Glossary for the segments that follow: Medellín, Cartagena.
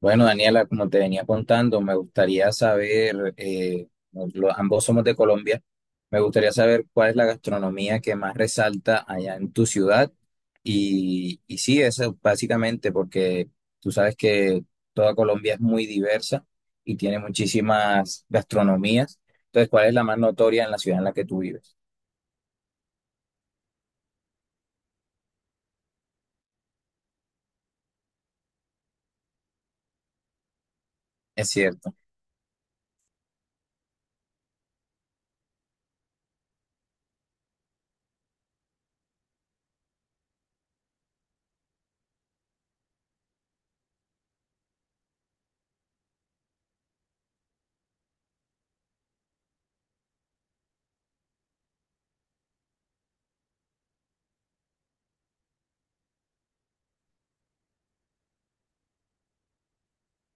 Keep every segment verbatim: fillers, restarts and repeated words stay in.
Bueno, Daniela, como te venía contando, me gustaría saber, eh, lo- ambos somos de Colombia, me gustaría saber cuál es la gastronomía que más resalta allá en tu ciudad. Y, y sí, eso básicamente porque tú sabes que toda Colombia es muy diversa y tiene muchísimas gastronomías. Entonces, ¿cuál es la más notoria en la ciudad en la que tú vives? Es cierto,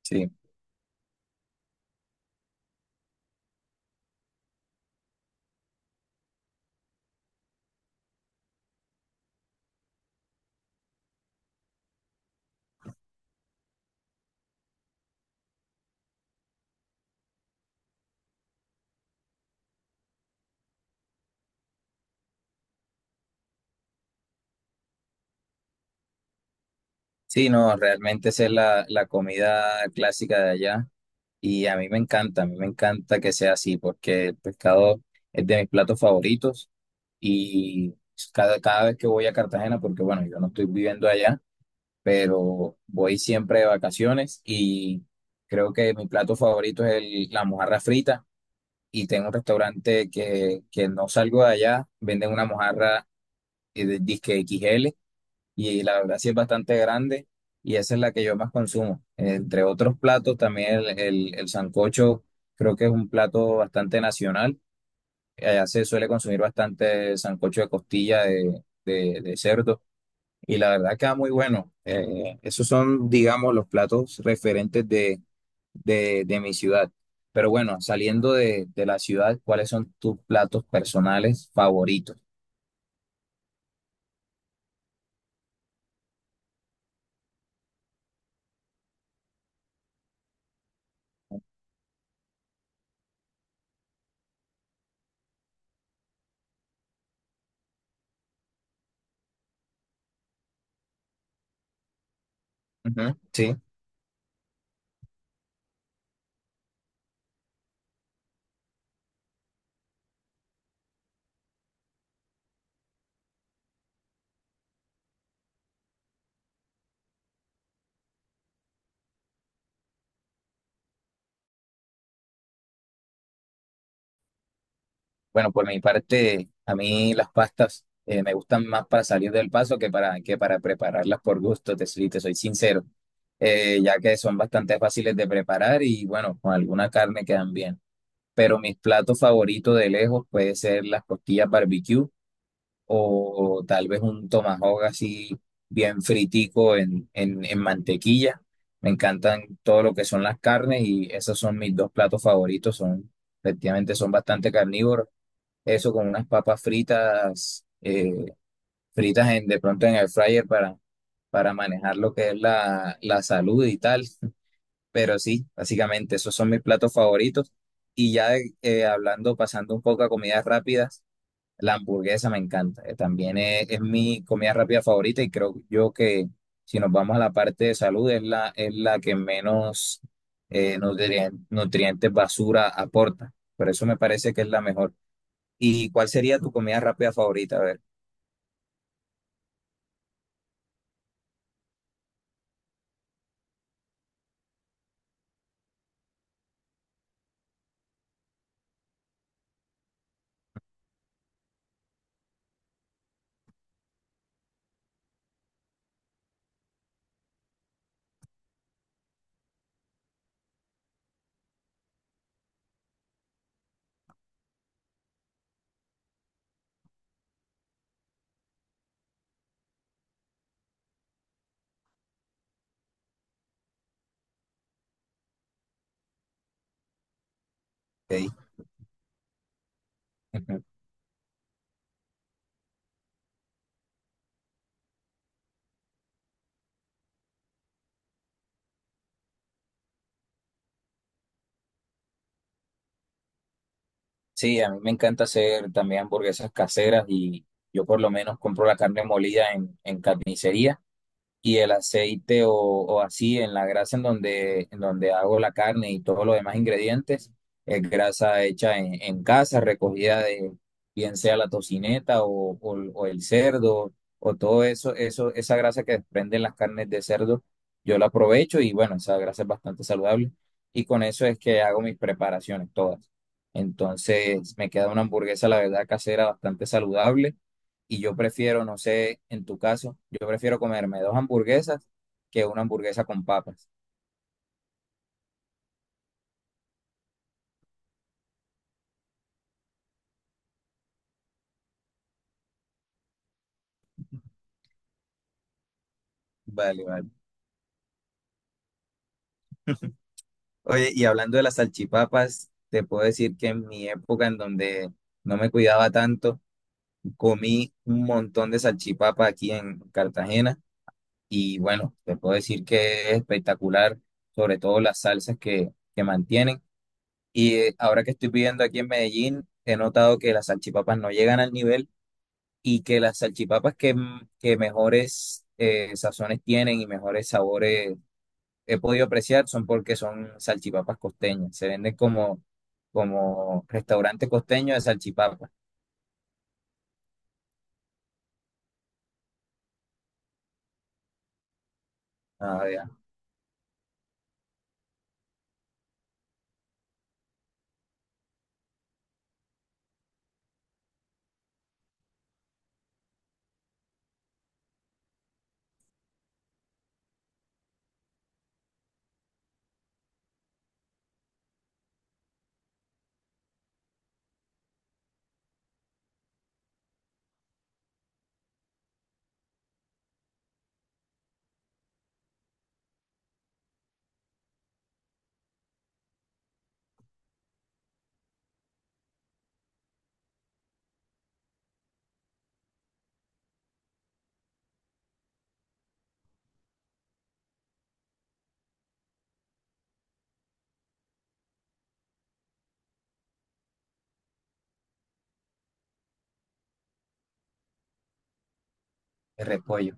sí. Sí, no, realmente esa es la, la comida clásica de allá. Y a mí me encanta, a mí me encanta que sea así, porque el pescado es de mis platos favoritos y cada, cada vez que voy a Cartagena, porque bueno, yo no estoy viviendo allá, pero voy siempre de vacaciones y creo que mi plato favorito es el- la mojarra frita y tengo un restaurante que, que no salgo de allá, venden una mojarra eh, de disque X L y la verdad sí es bastante grande y esa es la que yo más consumo. Entre otros platos, también el, el, el sancocho creo que es un plato bastante nacional. Allá se suele consumir bastante sancocho de costilla de, de, de cerdo y la verdad queda muy bueno. Eh, esos son, digamos, los platos referentes de, de, de mi ciudad. Pero bueno, saliendo de, de la ciudad, ¿cuáles son tus platos personales favoritos? Ujú, sí. Bueno, por mi parte, a mí las pastas eh, me gustan más para salir del paso que para, que para prepararlas por gusto, te, soy- te soy sincero, eh, ya que son bastante fáciles de preparar y bueno, con alguna carne quedan bien. Pero mis platos favoritos de lejos puede ser las costillas barbecue o, tal vez un tomahawk así bien fritico en, en, en mantequilla. Me encantan todo lo que son las carnes y esos son mis dos platos favoritos, son, efectivamente son bastante carnívoros eso con unas papas fritas, eh, fritas en, de pronto en el fryer para, para manejar lo que es la, la salud y tal. Pero sí, básicamente esos son mis platos favoritos. Y ya eh, hablando, pasando un poco a comidas rápidas, la hamburguesa me encanta. Eh, también es, es mi comida rápida favorita y creo yo que si nos vamos a la parte de salud es la, es la que menos eh, nutrien- nutrientes basura aporta. Por eso me parece que es la mejor. ¿Y cuál sería tu comida rápida favorita? A ver, te di. Ujú. Sí, a mí me encanta hacer también hamburguesas caseras y yo por lo menos compro la carne molida en, en carnicería. Y el aceite o, o así en la grasa en donde, en donde hago la carne y todos los demás ingredientes, es grasa hecha en, en casa, recogida de bien sea la tocineta o, o- o el cerdo o todo eso, eso, esa grasa que desprenden las carnes de cerdo, yo la aprovecho y bueno, esa grasa es bastante saludable y con eso es que hago mis preparaciones todas. Entonces me queda una hamburguesa, la verdad, casera bastante saludable y yo prefiero, no sé, en tu caso, yo prefiero comerme dos hamburguesas que una hamburguesa con papas. Vale, vale. Oye, y hablando de las salchipapas, te puedo decir que en mi época en donde no me cuidaba tanto, comí un montón de salchipapas aquí en Cartagena y bueno, te puedo decir que es espectacular, sobre todo las salsas que, que mantienen. Y eh, ahora que estoy viviendo aquí en Medellín, he notado que las salchipapas no llegan al nivel. Y que las salchipapas que, m- que mejores eh, sazones tienen y mejores sabores he podido apreciar son porque son salchipapas costeñas. Se venden como, como restaurante costeño de salchipapas, ah, ya, de repollo.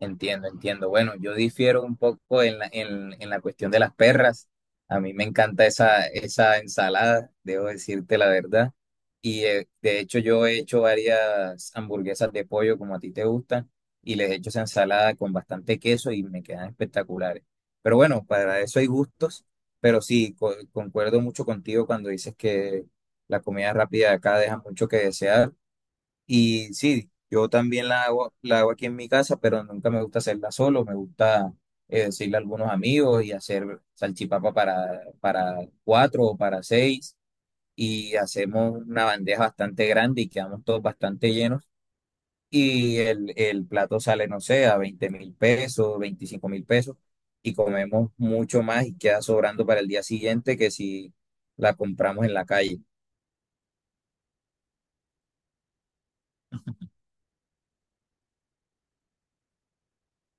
Entiendo, entiendo. Bueno, yo difiero un poco en la, en, en la cuestión de las perras. A mí me encanta esa, esa ensalada, debo decirte la verdad. Y eh, de hecho yo he hecho varias hamburguesas de pollo como a ti te gustan y les he hecho esa ensalada con bastante queso y me quedan espectaculares. Pero bueno, para eso hay gustos, pero sí, co- concuerdo mucho contigo cuando dices que la comida rápida de acá deja mucho que desear. Y sí, yo también la hago, la hago aquí en mi casa, pero nunca me gusta hacerla solo, me gusta eh, decirle a algunos amigos y hacer salchipapa para, para cuatro o para seis y hacemos una bandeja bastante grande y quedamos todos bastante llenos y el, el plato sale, no sé, a veinte mil pesos, veinticinco mil pesos y comemos mucho más y queda sobrando para el día siguiente que si la compramos en la calle,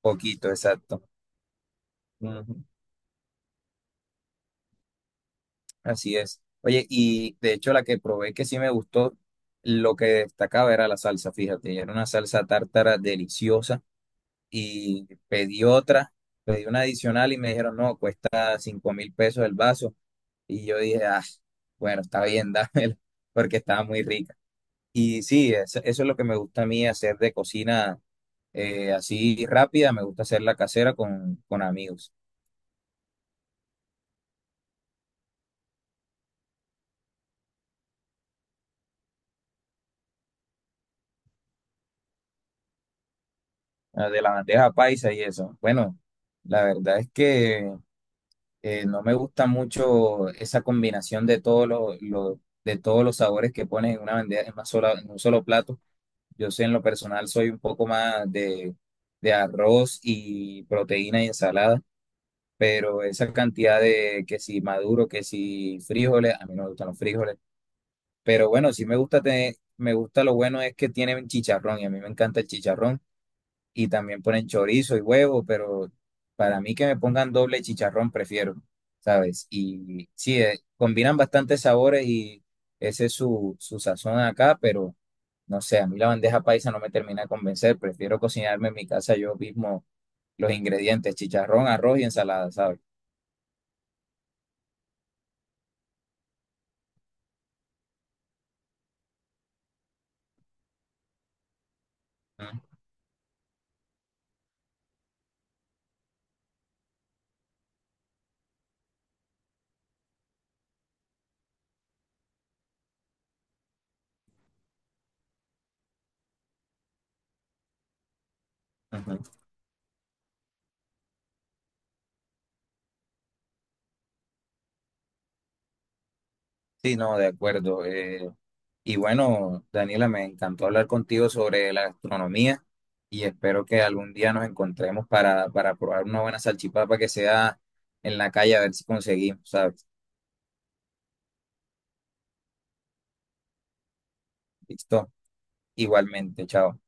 poquito, exacto. Ujú. Así es. Oye, y de hecho la que probé que sí me gustó, lo que destacaba era la salsa, fíjate, era una salsa tártara deliciosa y pedí otra, pedí una adicional y me dijeron, no, cuesta cinco mil pesos el vaso. Y yo dije, ah, bueno, está bien, dámelo, porque estaba muy rica. Y sí, eso, eso es lo que me gusta a mí hacer de cocina eh, así rápida, me gusta hacerla casera con, con amigos. Ah, de la bandeja paisa y eso. Bueno. La verdad es que Eh, no me gusta mucho esa combinación de todos los, los- de todos los sabores que ponen en una bandeja, en una sola, en un solo plato. Yo sé, en lo personal, soy un poco más de, de arroz y proteína y ensalada, pero esa cantidad de que si maduro, que si frijoles, a mí no me gustan los frijoles. Pero bueno, sí me gusta tener, me gusta lo bueno es que tienen chicharrón y a mí me encanta el chicharrón y también ponen chorizo y huevo, pero para mí que me pongan doble chicharrón prefiero, ¿sabes? Y sí, eh, combinan bastantes sabores y ese es su, su sazón acá, pero no sé, a mí la bandeja paisa no me termina de convencer, prefiero cocinarme en mi casa yo mismo los ingredientes, chicharrón, arroz y ensalada, ¿sabes? Mm, ujú. Sí, no, de acuerdo. Eh, y bueno, Daniela, me encantó hablar contigo sobre la gastronomía y espero que algún día nos encontremos para, para probar una buena salchipapa que sea en la calle, a ver si conseguimos, ¿sabes? Listo, igualmente, chao.